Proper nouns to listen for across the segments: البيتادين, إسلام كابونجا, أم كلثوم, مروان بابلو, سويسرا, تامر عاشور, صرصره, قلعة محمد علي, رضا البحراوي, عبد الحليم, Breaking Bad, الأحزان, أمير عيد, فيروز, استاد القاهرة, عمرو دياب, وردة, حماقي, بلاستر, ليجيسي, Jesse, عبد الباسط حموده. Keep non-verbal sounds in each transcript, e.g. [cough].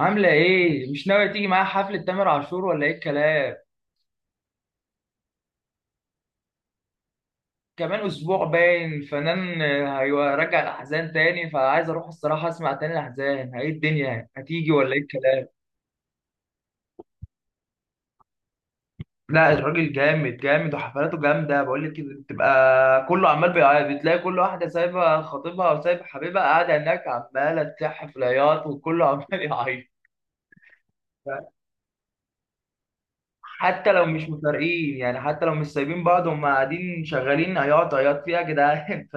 عاملة إيه؟ مش ناوية تيجي معايا حفلة تامر عاشور ولا إيه الكلام؟ كمان أسبوع باين الفنان هيرجع الأحزان تاني فعايز أروح الصراحة أسمع تاني الأحزان، إيه الدنيا؟ هتيجي ولا إيه الكلام؟ لا الراجل جامد جامد وحفلاته جامدة بقول لك كده بتبقى كله عمال بيعيط بتلاقي كل واحدة سايبة خطيبها وسايبة حبيبها قاعدة هناك عمالة تلح في العياط وكله عمال يعيط. حتى لو مش مفارقين يعني حتى لو مش سايبين بعض هم قاعدين شغالين عياط عياط فيها يا جدعان [laughs]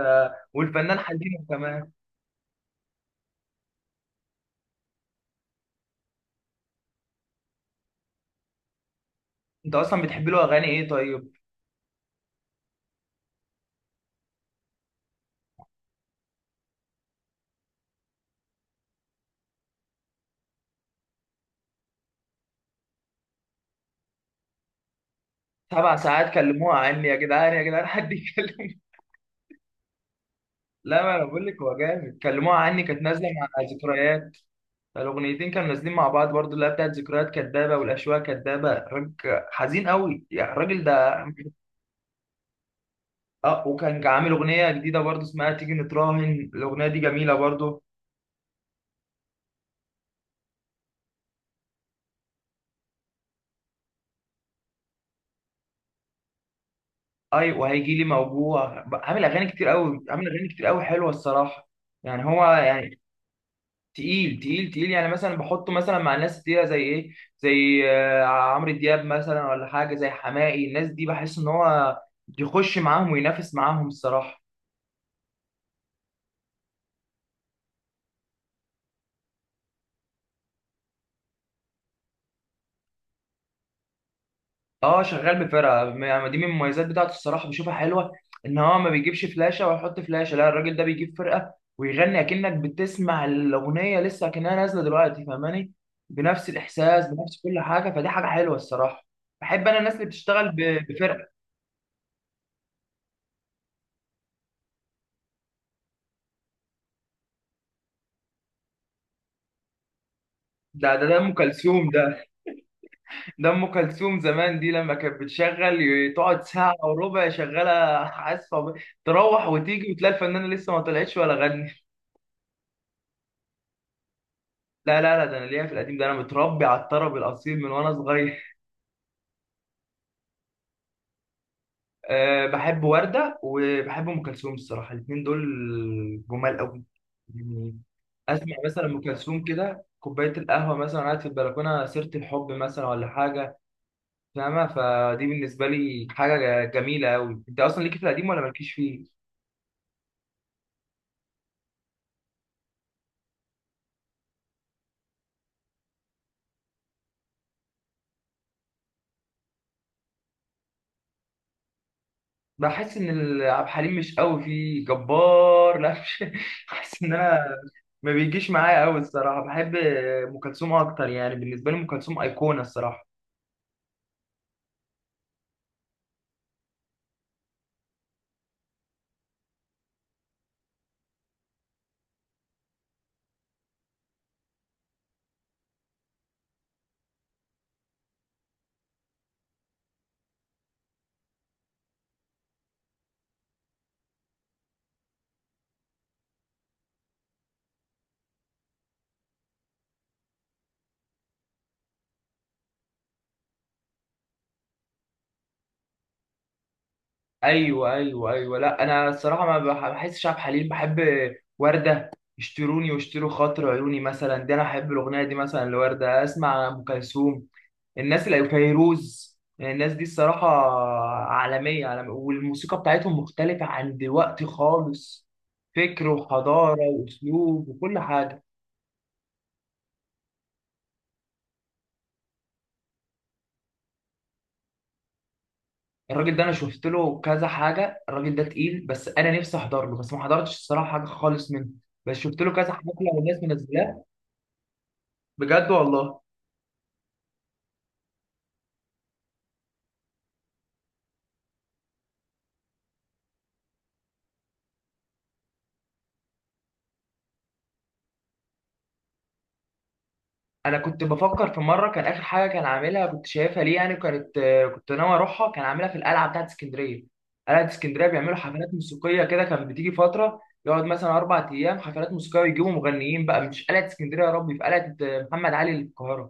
والفنان حزين كمان. انت اصلا بتحب له اغاني ايه طيب؟ سبع ساعات كلموها عني يا جدعان يا جدعان حد يكلم. [laughs] لا ما انا بقول لك هو جامد، كلموها عني كانت نازله مع ذكريات، الاغنيتين كانوا نازلين مع بعض برضو اللي هي بتاعت ذكريات كدابه والاشواق كدابه، راجل حزين قوي يعني الراجل ده. اه وكان عامل اغنيه جديده برضو اسمها تيجي نتراهن، الاغنيه دي جميله برضو. اي وهيجي لي موجوع بقى، عامل اغاني كتير قوي، عامل اغاني كتير قوي حلوه الصراحه. يعني هو يعني تقيل تقيل تقيل، يعني مثلا بحطه مثلا مع ناس تقيله زي ايه، زي عمرو دياب مثلا ولا حاجه زي حماقي، الناس دي بحس ان هو يخش معاهم وينافس معاهم الصراحه. اه شغال بفرقه، يعني دي من المميزات بتاعته الصراحه، بشوفها حلوه ان هو ما بيجيبش فلاشه ويحط فلاشه، لا الراجل ده بيجيب فرقه ويغني اكنك بتسمع الاغنيه لسه اكنها نازله دلوقتي، فاهماني؟ بنفس الاحساس بنفس كل حاجه، فدي حاجه حلوه الصراحه. بحب انا الناس اللي بتشتغل بفرقه. ده ام كلثوم ده، ده ام كلثوم زمان دي لما كانت بتشغل تقعد ساعه وربع شغاله عازفه، تروح وتيجي وتلاقي الفنانه لسه ما طلعتش ولا غنت. لا ده انا ليا في القديم، ده انا متربي على الطرب الاصيل من وانا صغير. أه بحب ورده وبحب ام كلثوم الصراحه، الاثنين دول جمال قوي يعني. اسمع مثلا ام كلثوم كده، كوبايه القهوه مثلا قاعد في البلكونه، سيره الحب مثلا ولا حاجه، فاهمه؟ فدي بالنسبه لي حاجه جميله قوي. انت اصلا ليكي في القديم ولا مالكيش فيه؟ بحس ان عبد الحليم مش قوي فيه جبار، لا مش [laughs] بحس ان انا ما بيجيش معايا قوي الصراحه، بحب ام كلثوم اكتر، يعني بالنسبه لي ام كلثوم ايقونه الصراحه. ايوه ايوه ايوه، لا انا الصراحه ما بحسش عبد الحليم، بحب ورده. اشتروني واشتروا خاطر عيوني مثلا، دي انا احب الاغنيه دي مثلا لورده، اسمع ام كلثوم، الناس اللي فيروز، الناس دي الصراحة عالمية عالمية، والموسيقى بتاعتهم مختلفة عن دلوقتي خالص، فكر وحضارة وأسلوب وكل حاجة. الراجل ده أنا شفت له كذا حاجة، الراجل ده تقيل، بس أنا نفسي أحضر له بس ما حضرتش الصراحة حاجة خالص منه، بس شفت له كذا حفلة والناس منزلاه. بجد والله؟ انا كنت بفكر في مره كان اخر حاجه كان عاملها كنت شايفها، ليه يعني كانت، كنت ناوي اروحها، كان عاملها في القلعه بتاعت اسكندريه، قلعه اسكندريه بيعملوا حفلات موسيقيه كده، كانت بتيجي فتره يقعد مثلا اربع ايام حفلات موسيقيه ويجيبوا مغنيين بقى. مش قلعه اسكندريه يا ربي، في قلعه محمد علي اللي في القاهره،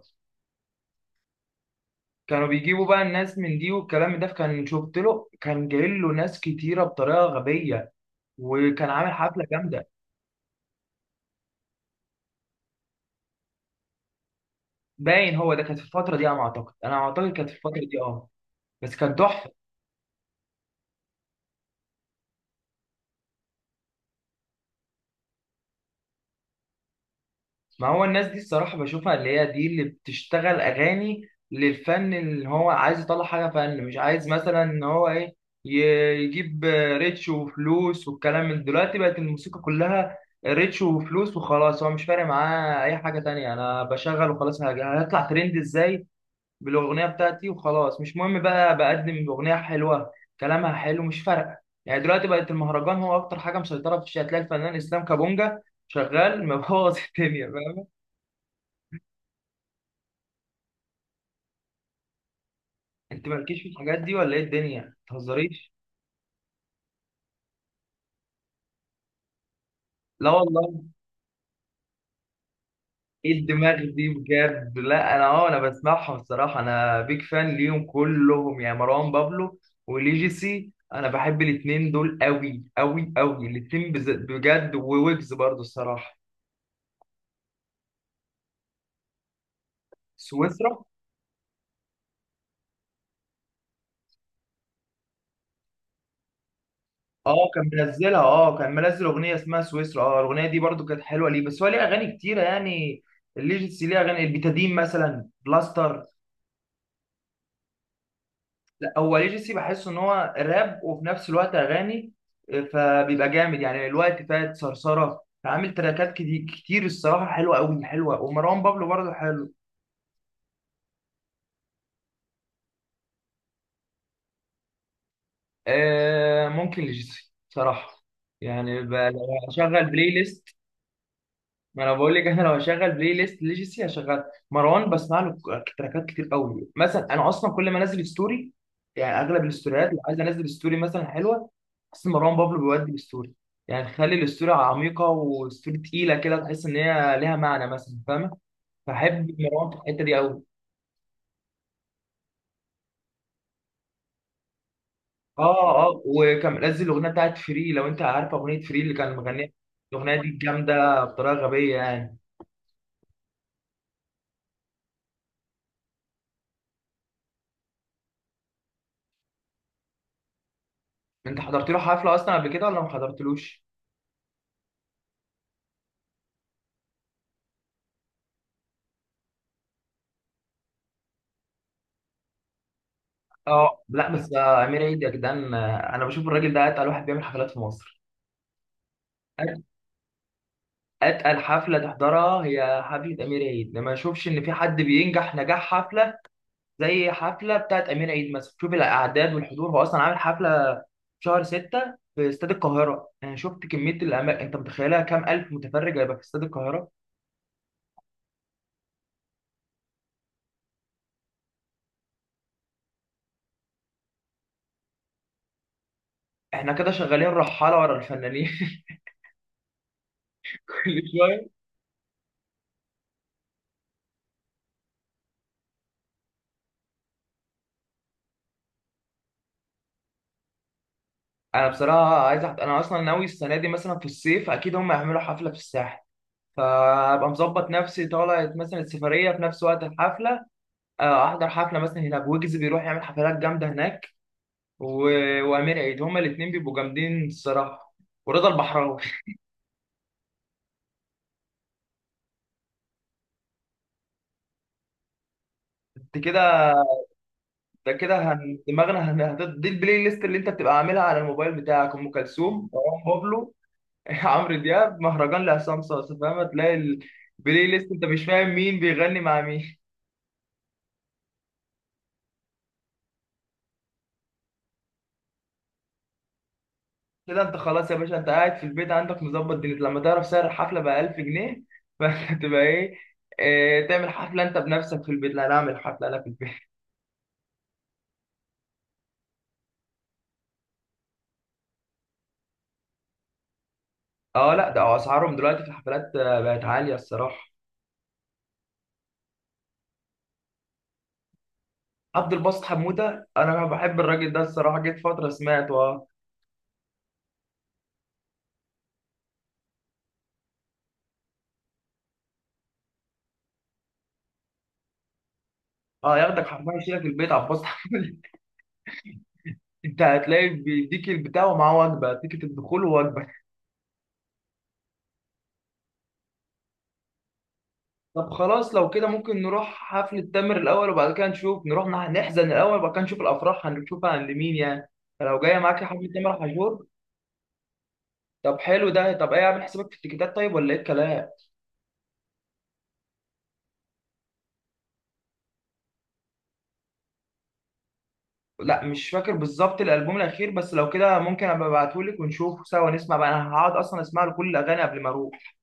كانوا بيجيبوا بقى الناس من دي والكلام ده. كان شفت له كان جاي له ناس كتيره بطريقه غبيه، وكان عامل حفله جامده. باين هو ده، كانت في الفتره دي، انا اعتقد كانت في الفتره دي اه، بس كان تحفه. ما هو الناس دي الصراحة بشوفها، اللي هي دي اللي بتشتغل أغاني للفن، اللي هو عايز يطلع حاجة فن، مش عايز مثلا إن هو إيه يجيب ريتش وفلوس والكلام، من دلوقتي بقت الموسيقى كلها ريتش وفلوس وخلاص، هو مش فارق معاه أي حاجة تانية، أنا بشغل وخلاص، هطلع ترند إزاي بالأغنية بتاعتي وخلاص، مش مهم بقى بقدم أغنية حلوة كلامها حلو، مش فارقة يعني. دلوقتي بقت المهرجان هو أكتر حاجة مسيطرة في الشارع، هتلاقي الفنان إسلام كابونجا شغال مبوظ [laughs] الدنيا. انت مالكيش في الحاجات دي ولا ايه الدنيا، ما تهزريش. لا والله، ايه الدماغ دي بجد؟ لا انا اه انا بسمعهم الصراحه، انا بيج فان ليهم كلهم، يعني مروان بابلو وليجيسي انا بحب الاتنين دول قوي قوي قوي، الاتنين بجد، وويجز برضو الصراحه. سويسرا؟ اه كان منزلها، اه كان منزل اغنيه اسمها سويسرا، اه الاغنيه دي برضو كانت حلوه، ليه بس هو ليه اغاني كتيره يعني، الليجيسي ليه اغاني البيتادين مثلا بلاستر. لا هو ليجاسي بحس ان هو راب وفي نفس الوقت اغاني، فبيبقى جامد يعني، الوقت فات صرصره عامل تراكات كتير كتير الصراحه، حلوه قوي حلوه، ومروان بابلو برضه حلو. آه ممكن ليجاسي صراحه، يعني لو هشغل بلاي ليست، ما انا بقول لك احنا لو هشغل بلاي ليست ليجاسي هشغل، مروان بسمع له تراكات كتير قوي. مثلا انا اصلا كل ما انزل ستوري، يعني اغلب الستوريات اللي عايز انزل ستوري مثلا حلوه، بس مروان بابلو بيودي الستوري، يعني خلي الستوري عميقه وستوري تقيله كده، تحس ان هي ليها معنى مثلا، فاهمه؟ فحب مروان في الحته دي قوي. اه اه وكان منزل الاغنيه بتاعت فري، لو انت عارف اغنيه فري اللي كان مغنيها، الاغنيه دي جامده بطريقه غبيه يعني. انت حضرت له حفله اصلا قبل كده ولا ما حضرتلوش؟ اه لا بس امير عيد يا جدعان، انا بشوف الراجل ده اتقل واحد بيعمل حفلات في مصر. أت- اتقل حفله تحضرها هي حفله امير عيد، ما اشوفش ان في حد بينجح نجاح حفله زي حفله بتاعت امير عيد مثلا، شوف الاعداد والحضور، هو اصلا عامل حفله في شهر 6 في استاد القاهره، انا شفت كميه الاماكن، انت متخيلها كام الف متفرج هيبقى في استاد القاهره؟ احنا كده شغالين رحاله ورا الفنانين. [laughs] كل شويه. انا بصراحه عايز أحضر. انا اصلا ناوي السنه دي مثلا في الصيف اكيد هم هيعملوا حفله في الساحل، فابقى مظبط نفسي طالع مثلا السفريه في نفس وقت الحفله، احضر حفله مثلا هنا، بويجز بيروح يعمل حفلات جامده هناك و... وامير عيد، هما الاثنين بيبقوا جامدين الصراحه، ورضا البحراوي. انت كده، ده كده هن... دماغنا هن... هت- دي البلاي ليست اللي انت بتبقى عاملها على الموبايل بتاعك، ام كلثوم مروان بابلو [laughs] عمرو دياب مهرجان لعصام صاصا، فاهم؟ تلاقي البلاي ليست انت مش فاهم مين بيغني مع مين. كده انت خلاص يا باشا، انت قاعد في البيت عندك مظبط دنيتك، لما تعرف سعر الحفله ب 1000 جنيه [laughs] فانت تبقى ايه؟ اه تعمل حفله انت بنفسك في البيت، لا انا اعمل حفله انا في البيت. [laughs] اه لا ده اسعارهم دلوقتي في الحفلات بقت عاليه الصراحه. عبد الباسط حموده انا بحب الراجل ده الصراحه، جيت فتره سمعت اه. اه ياخدك حفله يشيلك البيت عبد الباسط حموده. [laughs] انت هتلاقي بيديك البتاع ومعاه وجبه، تيكت الدخول ووجبه. طب خلاص لو كده ممكن نروح حفلة تامر الأول وبعد كده نشوف، نروح نحزن الأول وبعد كده نشوف الأفراح هنشوفها عند مين يعني، فلو جاية معاك حفلة تامر حجور. طب حلو ده، طب إيه عامل حسابك في التيكيتات طيب ولا إيه الكلام؟ لا مش فاكر بالظبط الألبوم الأخير، بس لو كده ممكن أبقى أبعتهولك ونشوف سوا نسمع بقى، أنا هقعد أصلا أسمع له كل الأغاني قبل ما أروح.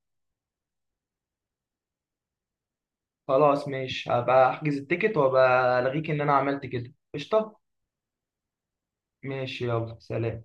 خلاص ماشي هبقى أحجز التيكت وأبقى ألغيك إن أنا عملت كده قشطة؟ ماشي يلا سلام.